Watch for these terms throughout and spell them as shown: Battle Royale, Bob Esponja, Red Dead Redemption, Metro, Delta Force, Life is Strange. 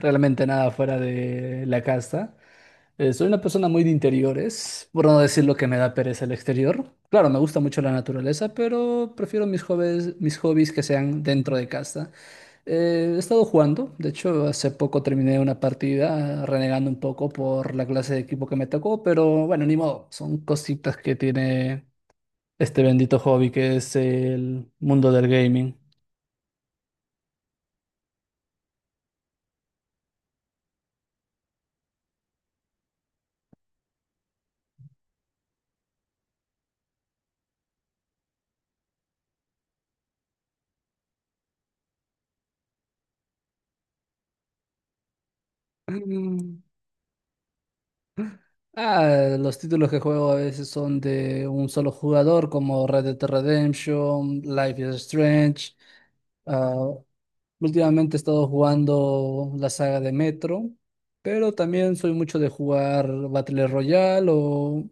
Realmente nada fuera de la casa. Soy una persona muy de interiores, por no decir lo que me da pereza el exterior. Claro, me gusta mucho la naturaleza, pero prefiero mis hobbies que sean dentro de casa. He estado jugando, de hecho, hace poco terminé una partida renegando un poco por la clase de equipo que me tocó, pero bueno, ni modo, son cositas que tiene este bendito hobby que es el mundo del gaming. Mm. Los títulos que juego a veces son de un solo jugador, como Red Dead Redemption, Life is Strange. ah, Últimamente he estado jugando la saga de Metro, pero también soy mucho de jugar Battle Royale o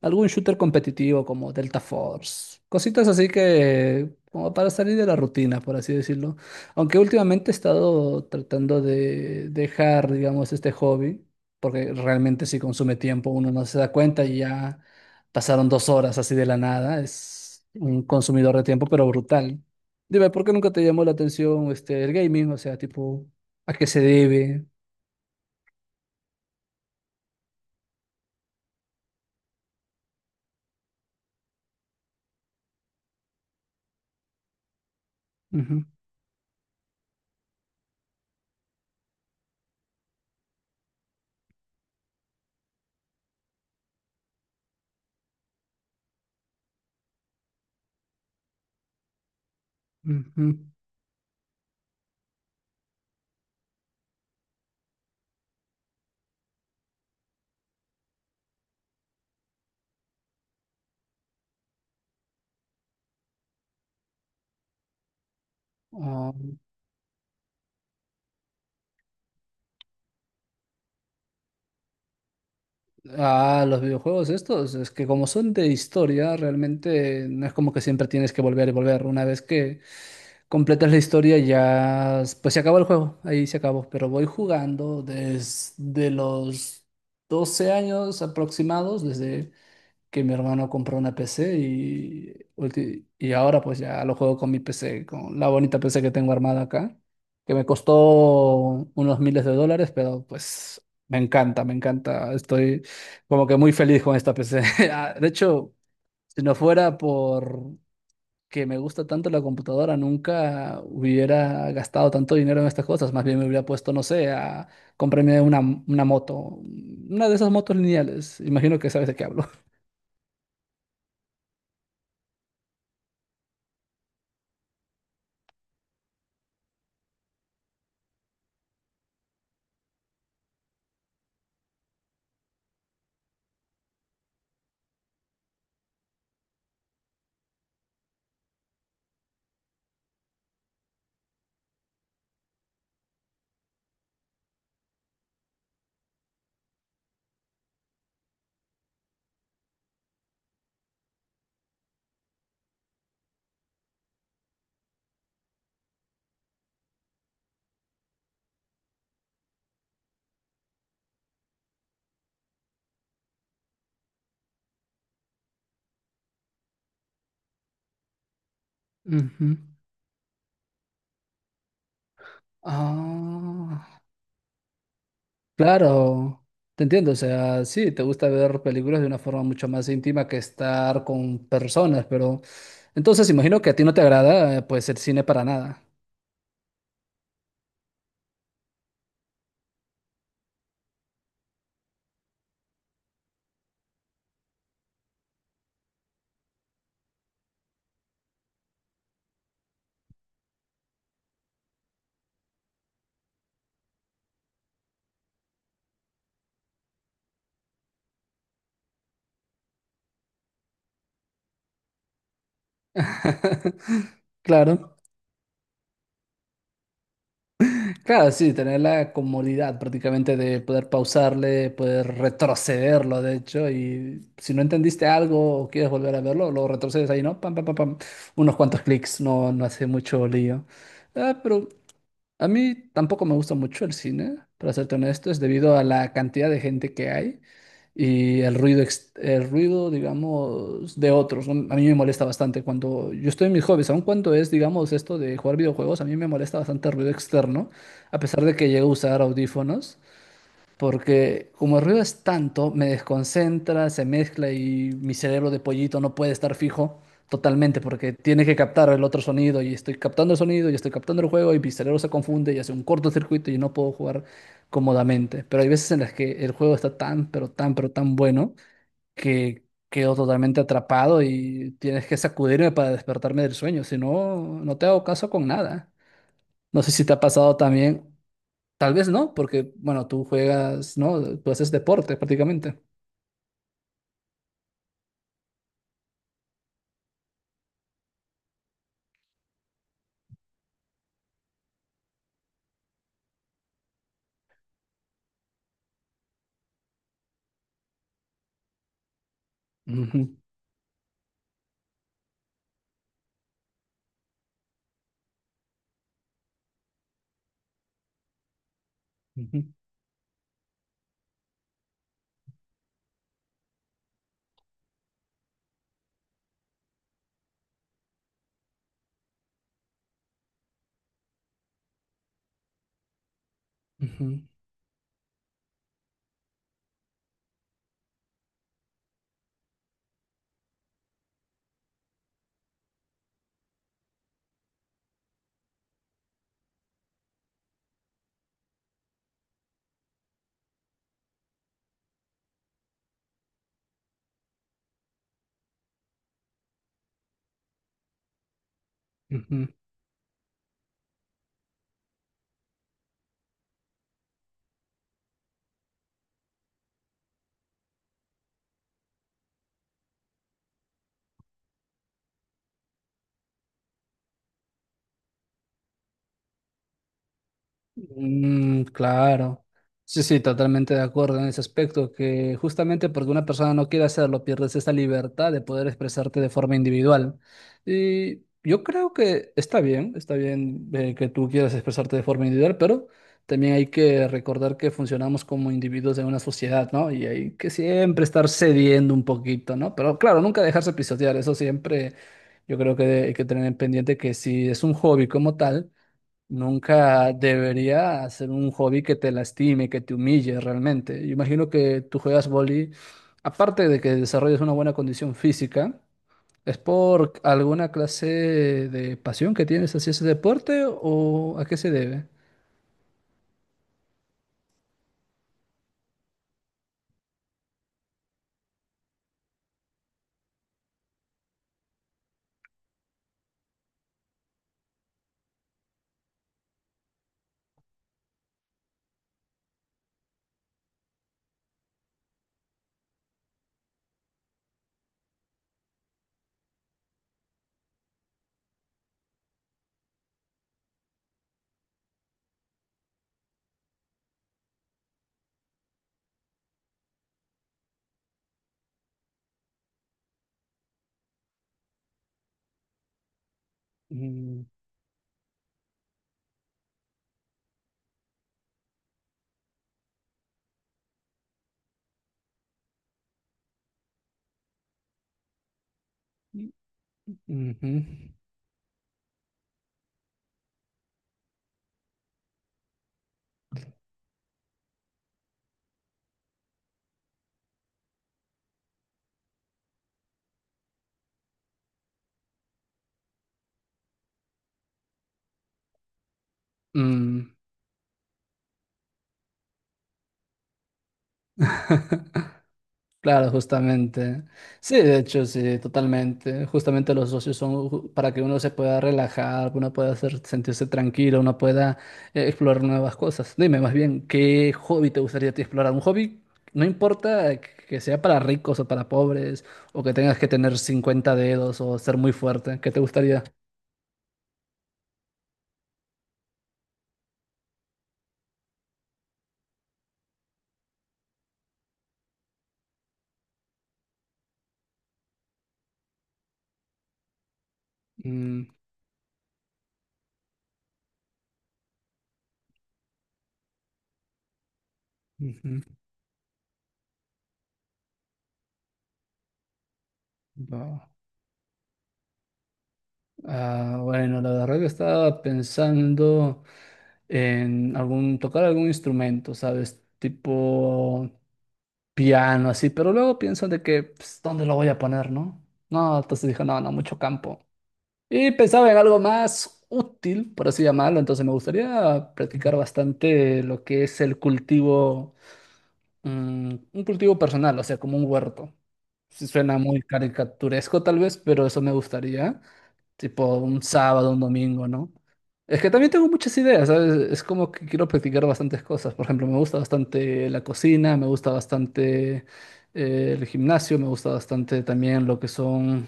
algún shooter competitivo como Delta Force. Cositas así que como para salir de la rutina, por así decirlo. Aunque últimamente he estado tratando de dejar, digamos, este hobby porque realmente si consume tiempo uno no se da cuenta y ya pasaron 2 horas así de la nada. Es un consumidor de tiempo, pero brutal. Dime, ¿por qué nunca te llamó la atención este, el gaming? O sea, tipo, ¿a qué se debe? Ujú, ujú. Ah, los videojuegos estos, es que como son de historia, realmente no es como que siempre tienes que volver y volver. Una vez que completas la historia ya, pues se acabó el juego, ahí se acabó. Pero voy jugando desde los 12 años aproximados, desde que mi hermano compró una PC y, y ahora pues ya lo juego con mi PC, con la bonita PC que tengo armada acá, que me costó unos miles de dólares, pero pues me encanta, me encanta. Estoy como que muy feliz con esta PC. De hecho, si no fuera por que me gusta tanto la computadora, nunca hubiera gastado tanto dinero en estas cosas. Más bien me hubiera puesto, no sé, a comprarme una moto, una de esas motos lineales. Imagino que sabes de qué hablo. Ujú. Ah, claro, te entiendo, o sea, sí, te gusta ver películas de una forma mucho más íntima que estar con personas, pero entonces imagino que a ti no te agrada, pues el cine para nada. Claro, claro, sí, tener la comodidad prácticamente de poder pausarle, poder retrocederlo, de hecho, y si no entendiste algo o quieres volver a verlo, lo retrocedes ahí, ¿no? Pam, pam, pam, pam, unos cuantos clics, no hace mucho lío. Pero a mí tampoco me gusta mucho el cine, para serte honesto, es debido a la cantidad de gente que hay y el ruido, el ruido, digamos, de otros. ¿No? A mí me molesta bastante cuando yo estoy en mis hobbies, aun cuando es, digamos, esto de jugar videojuegos, a mí me molesta bastante el ruido externo, a pesar de que llego a usar audífonos. Porque como el ruido es tanto, me desconcentra, se mezcla y mi cerebro de pollito no puede estar fijo totalmente porque tiene que captar el otro sonido y estoy captando el sonido y estoy captando el juego y mi cerebro se confunde y hace un cortocircuito y no puedo jugar cómodamente. Pero hay veces en las que el juego está tan, pero tan, pero tan bueno que quedo totalmente atrapado y tienes que sacudirme para despertarme del sueño. Si no, no te hago caso con nada. No sé si te ha pasado también. Tal vez no, porque, bueno, tú juegas, ¿no? Tú haces deporte prácticamente. Ujú, ujú, ujú, ujú. Mm, claro. Sí, sí, totalmente de acuerdo en ese aspecto, que justamente porque una persona no quiere hacerlo, pierdes esa libertad de poder expresarte de forma individual. Y yo creo que está bien que tú quieras expresarte de forma individual, pero también hay que recordar que funcionamos como individuos en una sociedad, ¿no? Y hay que siempre estar cediendo un poquito, ¿no? Pero claro, nunca dejarse pisotear, eso siempre yo creo que hay que tener en pendiente que si es un hobby como tal, nunca debería ser un hobby que te lastime, que te humille realmente. Yo imagino que tú juegas vóley, aparte de que desarrolles una buena condición física, ¿es por alguna clase de pasión que tienes hacia ese deporte o a qué se debe? Mm, ujú. Mm, claro, justamente. Sí, de hecho, sí, totalmente. Justamente los socios son para que uno se pueda relajar, uno pueda sentirse tranquilo, uno pueda explorar nuevas cosas. Dime más bien, ¿qué hobby te gustaría a ti explorar? Un hobby, no importa que sea para ricos o para pobres, o que tengas que tener 50 dedos o ser muy fuerte, ¿qué te gustaría? Mm, ujú. Va. Bueno, la verdad que estaba pensando en algún, tocar algún instrumento, ¿sabes? Tipo piano, así, pero luego pienso de que, pues, ¿dónde lo voy a poner, no? No, entonces dije, no, no, mucho campo. Y pensaba en algo más útil, por así llamarlo, entonces me gustaría practicar bastante lo que es el cultivo, mm, un cultivo personal, o sea, como un huerto. Sí, suena muy caricaturesco tal vez, pero eso me gustaría tipo un sábado, un domingo, ¿no? Es que también tengo muchas ideas, ¿sabes? Es como que quiero practicar bastantes cosas. Por ejemplo, me gusta bastante la cocina, me gusta bastante el gimnasio, me gusta bastante también lo que son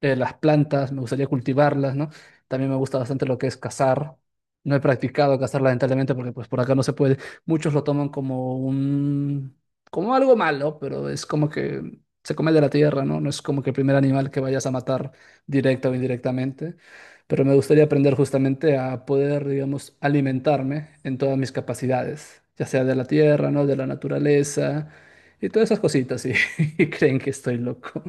las plantas, me gustaría cultivarlas, ¿no? También me gusta bastante lo que es cazar. No he practicado cazar lamentablemente porque pues por acá no se puede. Muchos lo toman como un como algo malo, pero es como que se come de la tierra, ¿no? No es como que el primer animal que vayas a matar directa o indirectamente, pero me gustaría aprender justamente a poder, digamos, alimentarme en todas mis capacidades, ya sea de la tierra, ¿no? De la naturaleza y todas esas cositas, y, y creen que estoy loco.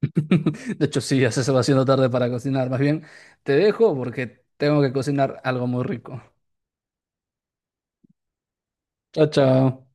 De hecho, sí, ya se va haciendo tarde para cocinar. Más bien, te dejo porque tengo que cocinar algo muy rico. Chao, chao.